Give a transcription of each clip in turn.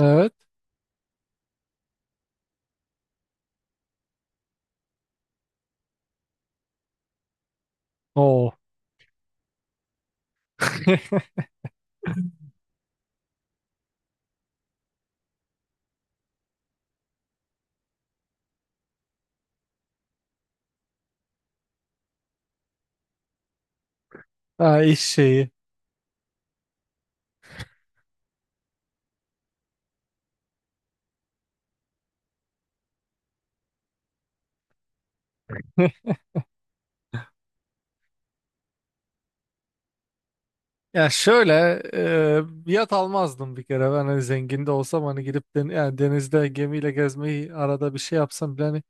Evet. Oo. Ha, iş şeyi. Ya şöyle yat almazdım bir kere. Ben hani zengin de olsam hani gidip yani denizde gemiyle gezmeyi arada bir şey yapsam bile hani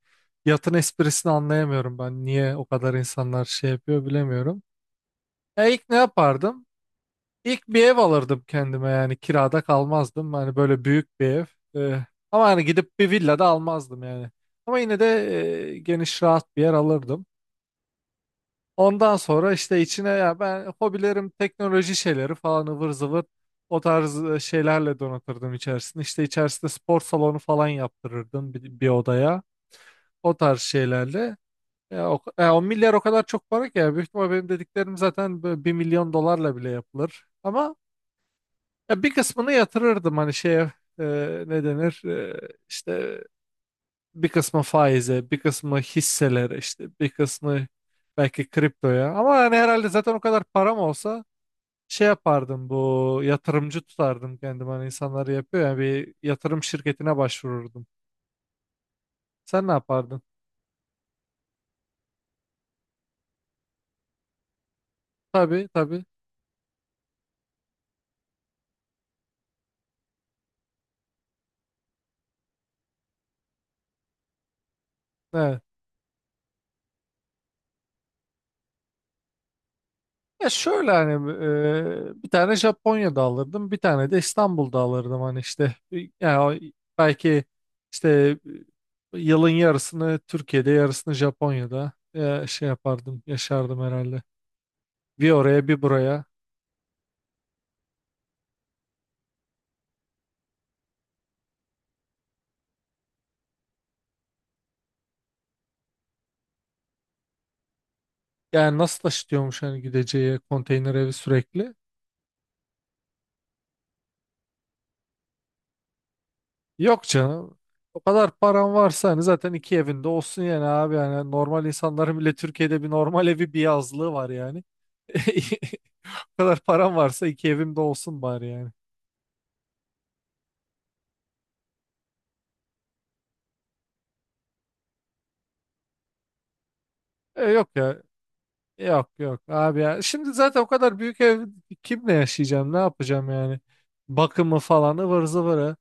yatın esprisini anlayamıyorum ben. Niye o kadar insanlar şey yapıyor bilemiyorum. İlk ne yapardım? İlk bir ev alırdım kendime yani kirada kalmazdım. Hani böyle büyük bir ev. E, Ama hani gidip bir villa da almazdım yani. Ama yine de geniş rahat bir yer alırdım. Ondan sonra işte içine ya ben hobilerim teknoloji şeyleri falan ıvır zıvır o tarz şeylerle donatırdım içerisinde. İşte içerisinde spor salonu falan yaptırırdım bir odaya. O tarz şeylerle. Ya o milyar o kadar çok para ki ya. Büyük ihtimal benim dediklerim zaten böyle bir milyon dolarla bile yapılır. Ama ya bir kısmını yatırırdım hani şeye e, ne denir işte bir kısmı faize, bir kısmı hisselere işte, bir kısmı belki kriptoya. Ama yani herhalde zaten o kadar param olsa şey yapardım bu yatırımcı tutardım kendimi hani insanlar yapıyor ya bir yatırım şirketine başvururdum. Sen ne yapardın? Tabii tabii. Evet. Ya şöyle hani bir tane Japonya'da alırdım, bir tane de İstanbul'da alırdım hani işte yani belki işte yılın yarısını Türkiye'de, yarısını Japonya'da şey yapardım, yaşardım herhalde. Bir oraya bir buraya. Yani nasıl taşıtıyormuş hani gideceği konteyner evi sürekli? Yok canım. O kadar paran varsa hani zaten iki evinde olsun yani abi. Yani normal insanların bile Türkiye'de bir normal evi bir yazlığı var yani. O kadar paran varsa iki evimde olsun bari yani. Yok ya. Yok yok abi ya. Şimdi zaten o kadar büyük ev kimle yaşayacağım? Ne yapacağım yani? Bakımı falan ıvır zıvırı.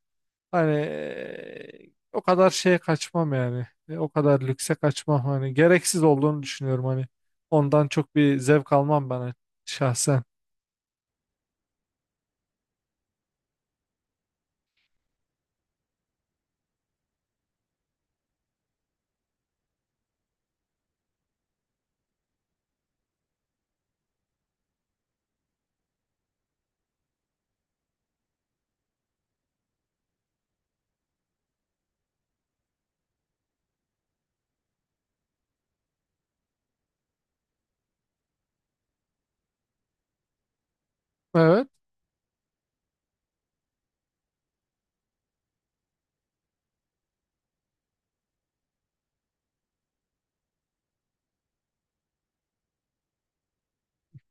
Hani o kadar şeye kaçmam yani. O kadar lükse kaçmam hani. Gereksiz olduğunu düşünüyorum hani. Ondan çok bir zevk almam ben şahsen. Evet.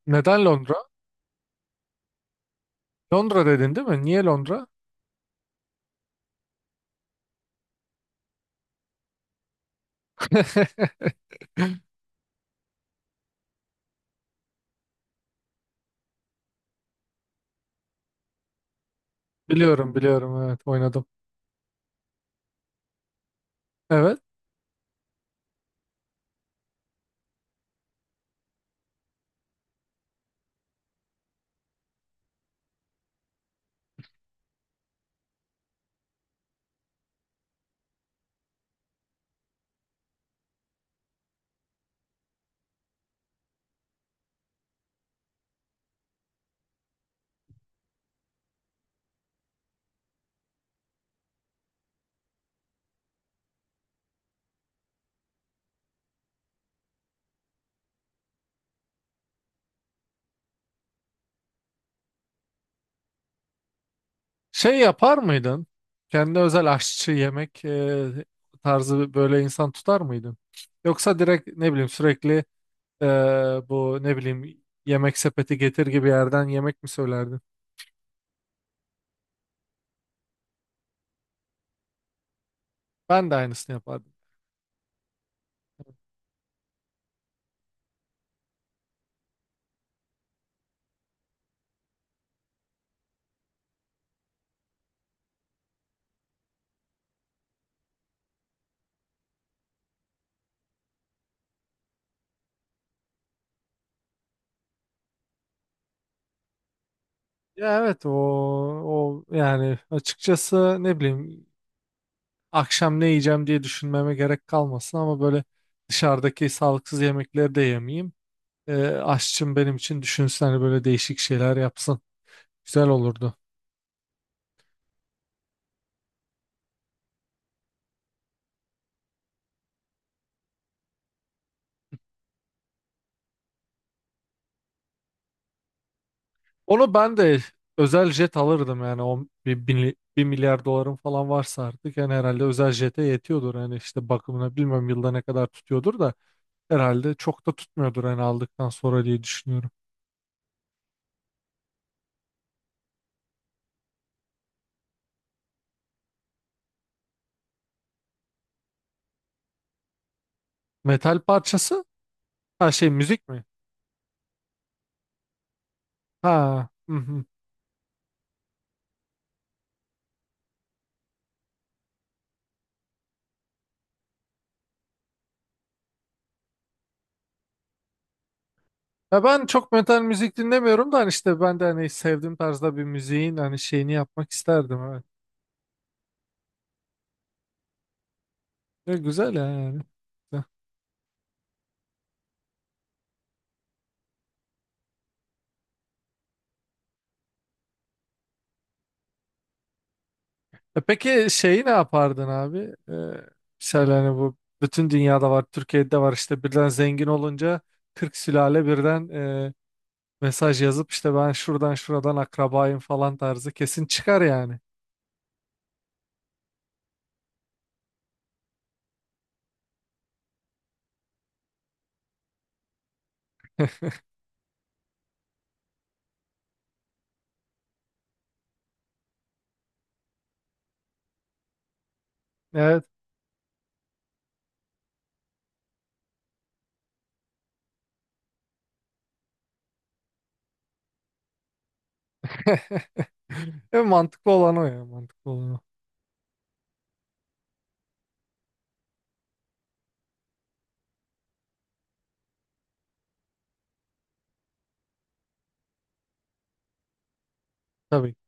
Neden Londra? Londra dedin değil mi? Niye Londra? Biliyorum biliyorum, evet, oynadım. Evet. Şey yapar mıydın? Kendi özel aşçı yemek tarzı böyle insan tutar mıydın? Yoksa direkt ne bileyim sürekli e, bu ne bileyim yemek sepeti getir gibi yerden yemek mi söylerdin? Ben de aynısını yapardım. Ya evet o yani açıkçası ne bileyim akşam ne yiyeceğim diye düşünmeme gerek kalmasın ama böyle dışarıdaki sağlıksız yemekleri de yemeyeyim. Aşçım benim için düşünsün hani böyle değişik şeyler yapsın. Güzel olurdu. Onu ben de özel jet alırdım yani o bir milyar dolarım falan varsa artık yani herhalde özel jete yetiyordur. Yani işte bakımına bilmiyorum yılda ne kadar tutuyordur da. Herhalde çok da tutmuyordur hani aldıktan sonra diye düşünüyorum. Metal parçası? Ha şey müzik mi? Ha. Hı hı. Ya ben çok metal müzik dinlemiyorum da hani işte ben de hani sevdiğim tarzda bir müziğin hani şeyini yapmak isterdim, evet. Ya güzel ya yani. Güzel. Peki şeyi ne yapardın abi? Ee, Mesela hani bu bütün dünyada var, Türkiye'de de var işte birden zengin olunca 40 sülale birden mesaj yazıp işte ben şuradan şuradan akrabayım falan tarzı kesin çıkar yani. Evet. Mantıklı olan o ya, mantıklı olan o. Tabii ki.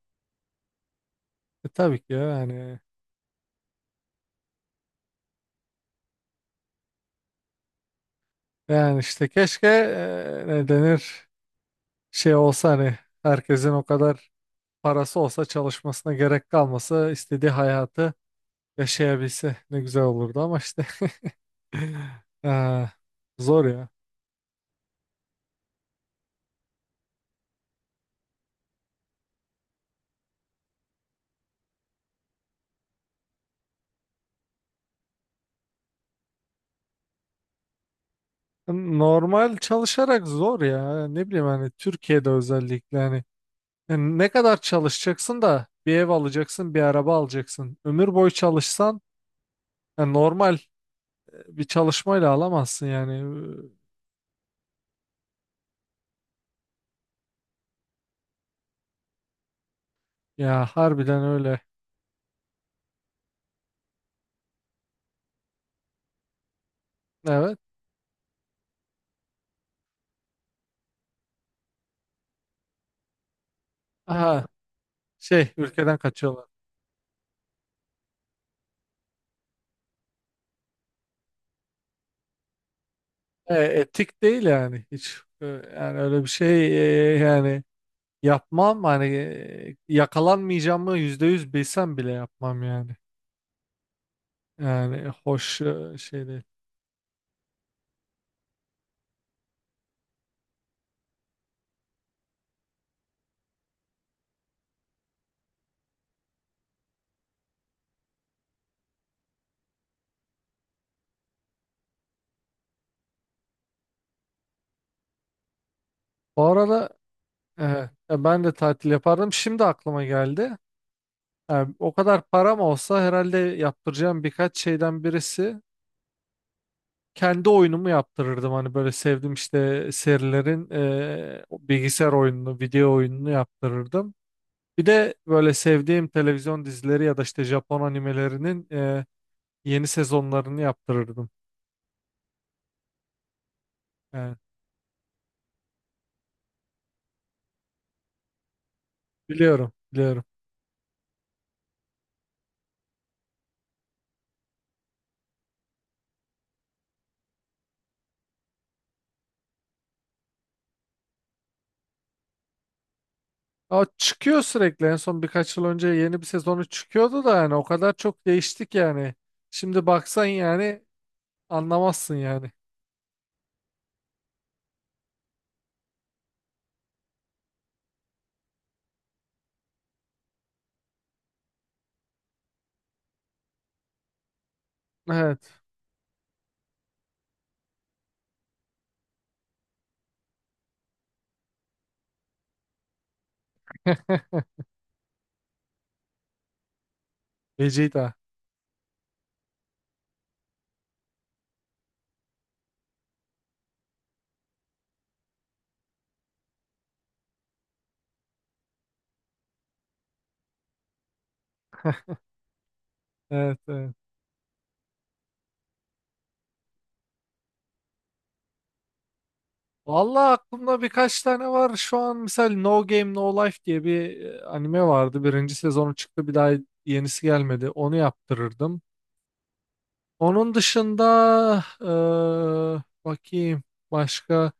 Tabii ki ya yani. Yani işte keşke ne denir, şey olsa hani herkesin o kadar parası olsa çalışmasına gerek kalmasa istediği hayatı yaşayabilse ne güzel olurdu, ama işte e, zor ya. Normal çalışarak zor ya, ne bileyim hani Türkiye'de özellikle, hani yani ne kadar çalışacaksın da bir ev alacaksın, bir araba alacaksın, ömür boyu çalışsan yani normal bir çalışmayla alamazsın yani. Ya harbiden öyle. Evet. Aha, şey, ülkeden kaçıyorlar. Etik değil yani hiç. Yani öyle bir şey, yani yapmam hani, yakalanmayacağımı %100 bilsem bile yapmam yani. Yani hoş şey değil. Bu arada e, ben de tatil yapardım. Şimdi aklıma geldi. Yani o kadar param olsa herhalde yaptıracağım birkaç şeyden birisi kendi oyunumu yaptırırdım, hani böyle sevdim işte serilerin bilgisayar oyununu, video oyununu yaptırırdım. Bir de böyle sevdiğim televizyon dizileri ya da işte Japon animelerinin yeni sezonlarını yaptırırdım. Yani biliyorum, biliyorum. Ama çıkıyor sürekli. En son birkaç yıl önce yeni bir sezonu çıkıyordu da yani o kadar çok değiştik yani. Şimdi baksan yani anlamazsın yani. Evet. Vegeta. Evet, evet. Vallahi aklımda birkaç tane var. Şu an mesela No Game No Life diye bir anime vardı. Birinci sezonu çıktı, bir daha yenisi gelmedi. Onu yaptırırdım. Onun dışında bakayım başka.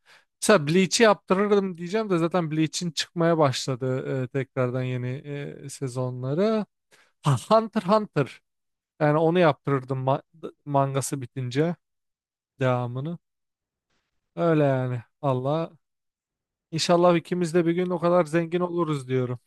Mesela Bleach'i yaptırırdım diyeceğim de zaten Bleach'in çıkmaya başladı tekrardan yeni sezonları. Ha, Hunter x Hunter. Yani onu yaptırırdım, mangası bitince devamını. Öyle yani. Allah. İnşallah ikimiz de bir gün o kadar zengin oluruz diyorum.